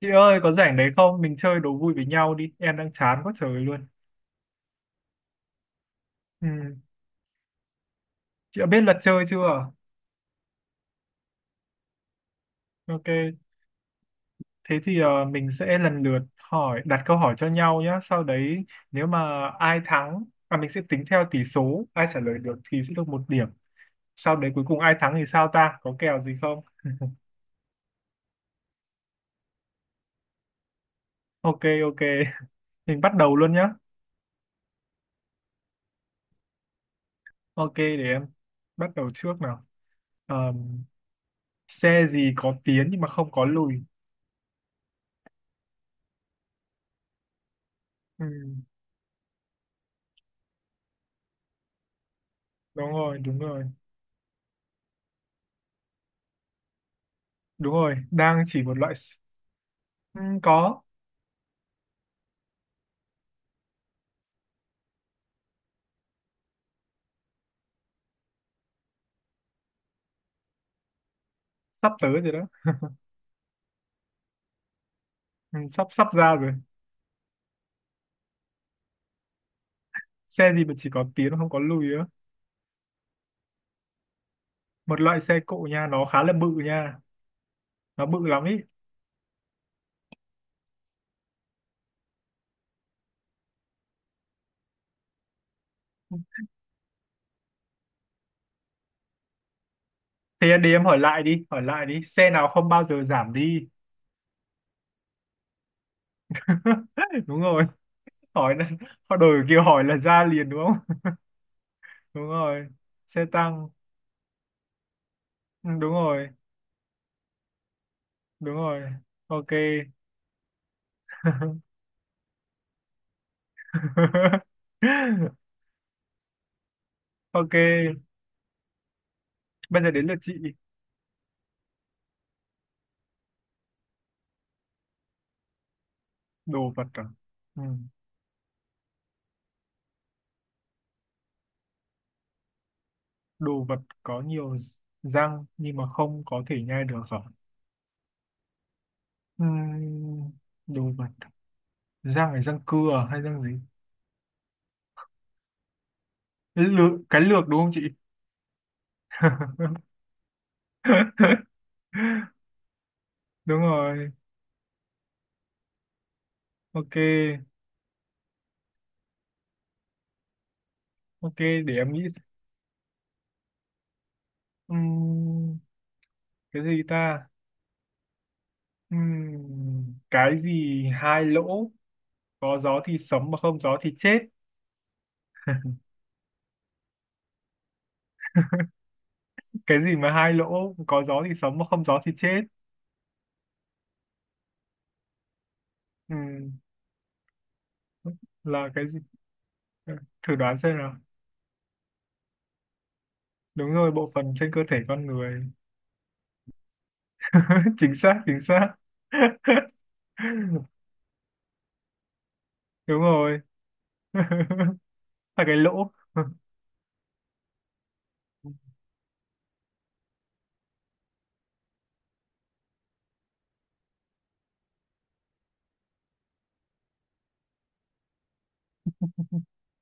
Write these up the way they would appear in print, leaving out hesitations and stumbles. Chị ơi, có rảnh đấy không? Mình chơi đố vui với nhau đi. Em đang chán quá trời luôn. Ừ. Chị đã biết luật chơi chưa? Ok. Thế thì mình sẽ lần lượt hỏi, đặt câu hỏi cho nhau nhé. Sau đấy, nếu mà ai thắng, và mình sẽ tính theo tỷ số, ai trả lời được thì sẽ được một điểm. Sau đấy cuối cùng ai thắng thì sao ta? Có kèo gì không? Ok, ok. Mình bắt đầu luôn nhé. Ok, để em bắt đầu trước nào. Ờm, Xe gì có tiến nhưng mà không có lùi? Ừ, đúng rồi, đúng rồi. Đúng rồi, đang chỉ một loại. Ừ, có. Sắp tới rồi đó. Ừ, sắp sắp ra rồi. Xe gì mà chỉ có tiến không có lùi á. Một loại xe cộ nha, nó khá là bự nha. Nó bự lắm ý. Thế đi, em hỏi lại đi, hỏi lại đi. Xe nào không bao giờ giảm đi. Đúng rồi. Hỏi là họ đổi kiểu hỏi là ra liền đúng không. Đúng rồi. Xe tăng. Ừ, đúng rồi. Đúng rồi. Ok. Ok, bây giờ đến lượt chị. Đồ vật à? Ừ. Đồ vật có nhiều răng nhưng mà không có thể nhai được hả? Ừm, Đồ vật, răng là răng cưa à hay răng gì? Lược, cái lược đúng không chị? Đúng rồi. Ok, ok, để em nghĩ. Ừm, cái gì ta? Cái gì hai lỗ có gió thì sống mà không gió thì chết. Cái gì mà hai lỗ có gió thì sống mà không gió thì chết. Ừm, là cái gì? Thử đoán xem nào. Đúng rồi, bộ phận trên cơ thể con người. Chính xác, chính xác. Đúng rồi. Là cái lỗ.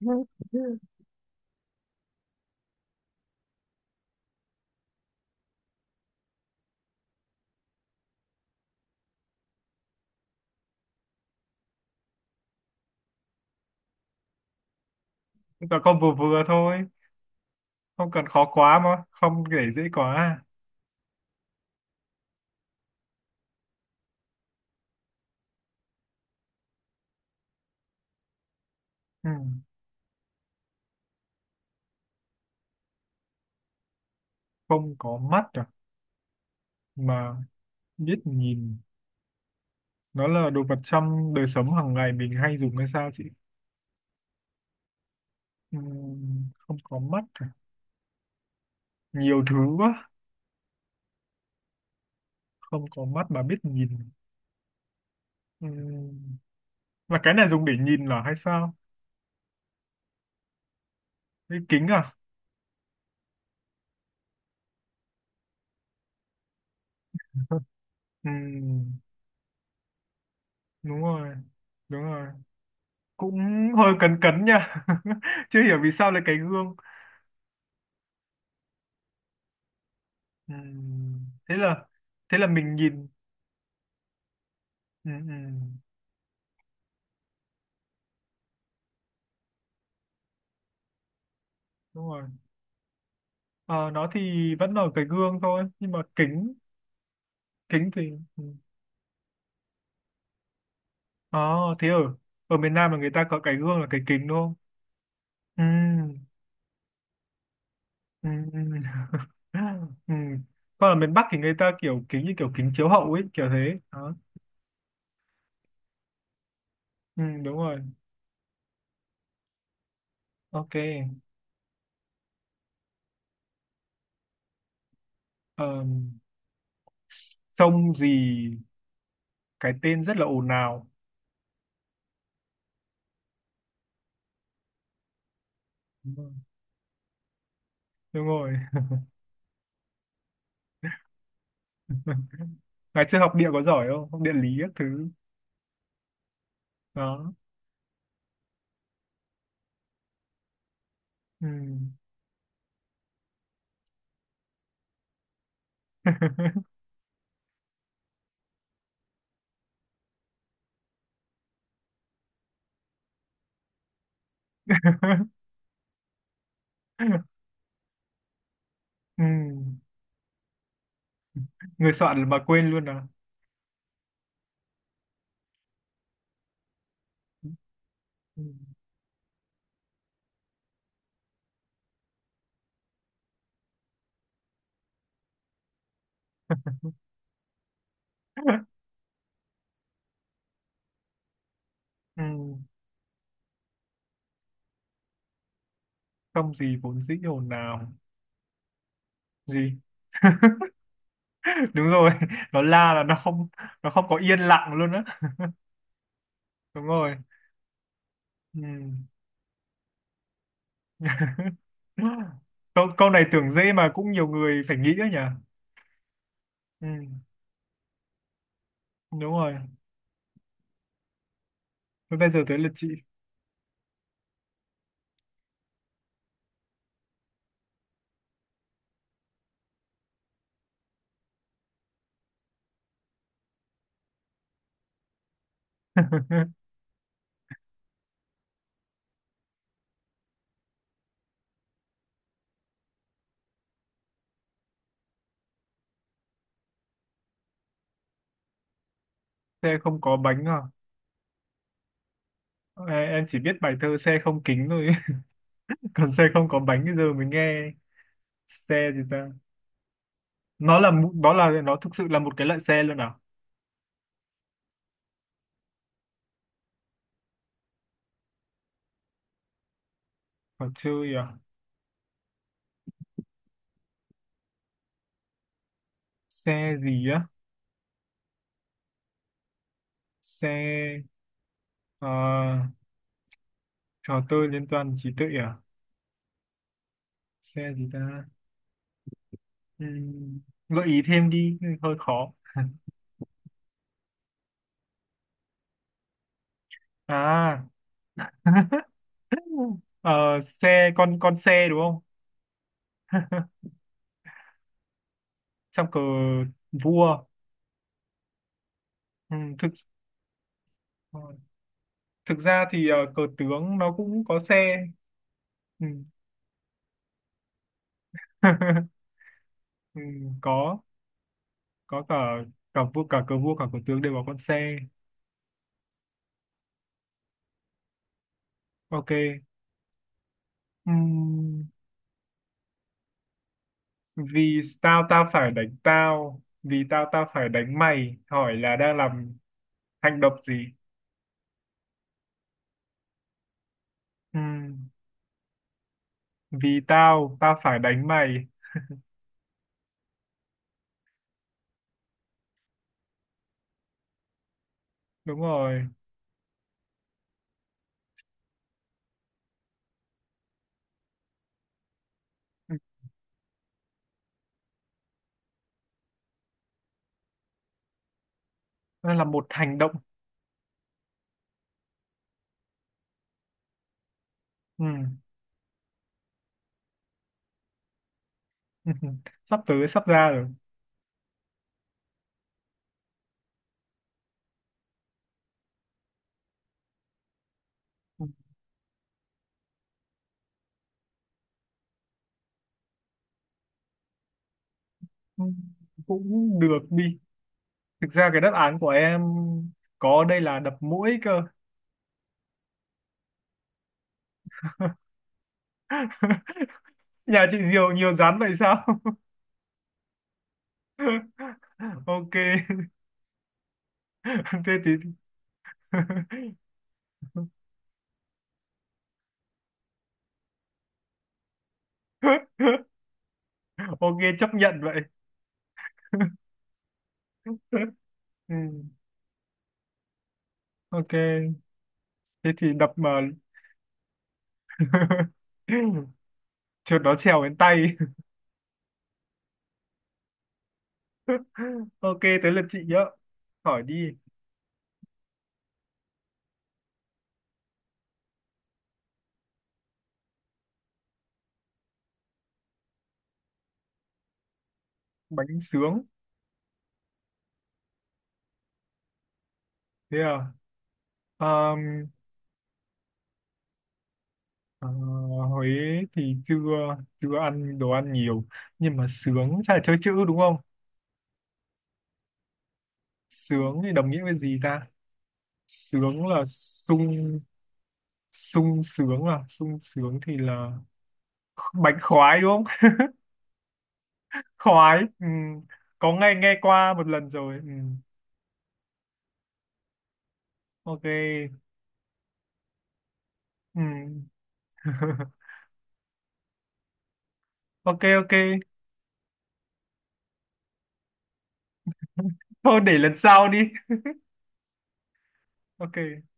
Nó con vừa vừa thôi, không cần khó quá mà không để dễ quá à. Ừ. Không có mắt à, mà biết nhìn. Nó là đồ vật trong đời sống hàng ngày mình hay dùng hay sao chị? Ừ. Không có mắt à? Nhiều thứ quá. Không có mắt mà biết nhìn. Ừ. Là cái này dùng để nhìn là hay sao? Cái kính à? Ừ, đúng rồi, đúng rồi. Cũng hơi cấn cấn nha. Chưa hiểu vì sao lại cái gương. Ừ, thế là thế là mình nhìn. Ừ, ừ, đúng rồi. Ờ, nó thì vẫn là cái gương thôi, nhưng mà kính thì. Ừ. Ờ, thế ở ở miền Nam là người ta có cái gương là cái kính đúng không? Ừ, ừ, ừ. Ừ. Còn ở miền Bắc thì người ta kiểu kính như kiểu kính chiếu hậu ấy, kiểu thế. Đó. Ừ, đúng rồi. Ok. Ờ, Sông gì cái tên rất là ồn ào? Đúng rồi. Đúng rồi. Ngày xưa học địa có giỏi không, học địa lý các thứ đó. Ừ. Ừ. Người soạn mà quên luôn à? Ừ. Ừ. Không gì vốn dĩ ồn ào. Gì? Đúng rồi. Nó la là nó không có yên lặng luôn á. Đúng rồi. Ừ. câu câu này tưởng dễ mà cũng nhiều người phải nghĩ đấy nhỉ. Ừ. Đúng rồi. Thế bây giờ tới lượt chị. Xe không có bánh à? Em chỉ biết bài thơ xe không kính thôi. Còn xe không có bánh bây giờ mới nghe. Xe gì ta? Nó là mũ- nó là nó thực sự là một cái loại xe luôn à? Trò chơi à? Xe gì á? Xe ờ, trò chơi liên toàn trí tuệ à? Xe gì ta? Ừm, Gợi ý thêm đi hơi khó. À. Ờ, Xe con xe đúng không? Trong cờ vua. Ừ, ờ, thực ra thì cờ tướng nó cũng có xe. Ừ. Ừ, có. Có cả cả vua cả cờ vua cả cờ tướng đều có con xe. Ok. Ừm, Vì tao, tao phải đánh tao, vì tao, tao phải đánh mày. Hỏi là đang làm hành động gì? Ừm, Vì tao, tao phải đánh mày. Đúng rồi. Ừm, Đó là một hành động. Ừm, Sắp tới, sắp ra rồi. Ừm, Cũng được đi. Thực ra cái đáp án của em có đây là đập mũi cơ. Nhà chị Diều nhiều rắn vậy sao? Ok. Thế thì. Ok, chấp nhận vậy. Ừ. Ok, thế thì đập mà. Chuột nó trèo đến tay. Ok, tới lượt chị nhớ, hỏi đi. Bánh sướng. Thế à? Ờm, ờ, Huế thì chưa chưa ăn đồ ăn nhiều, nhưng mà sướng chắc là chơi chữ đúng không? Sướng thì đồng nghĩa với gì ta? Sướng là sung. Sung sướng à? Sung sướng thì là bánh khoái đúng không? Khoái. Ừ. Có nghe nghe qua một lần rồi. Ừ. Ok. Ừ. Ok, ok. Thôi để lần sau đi. Ok.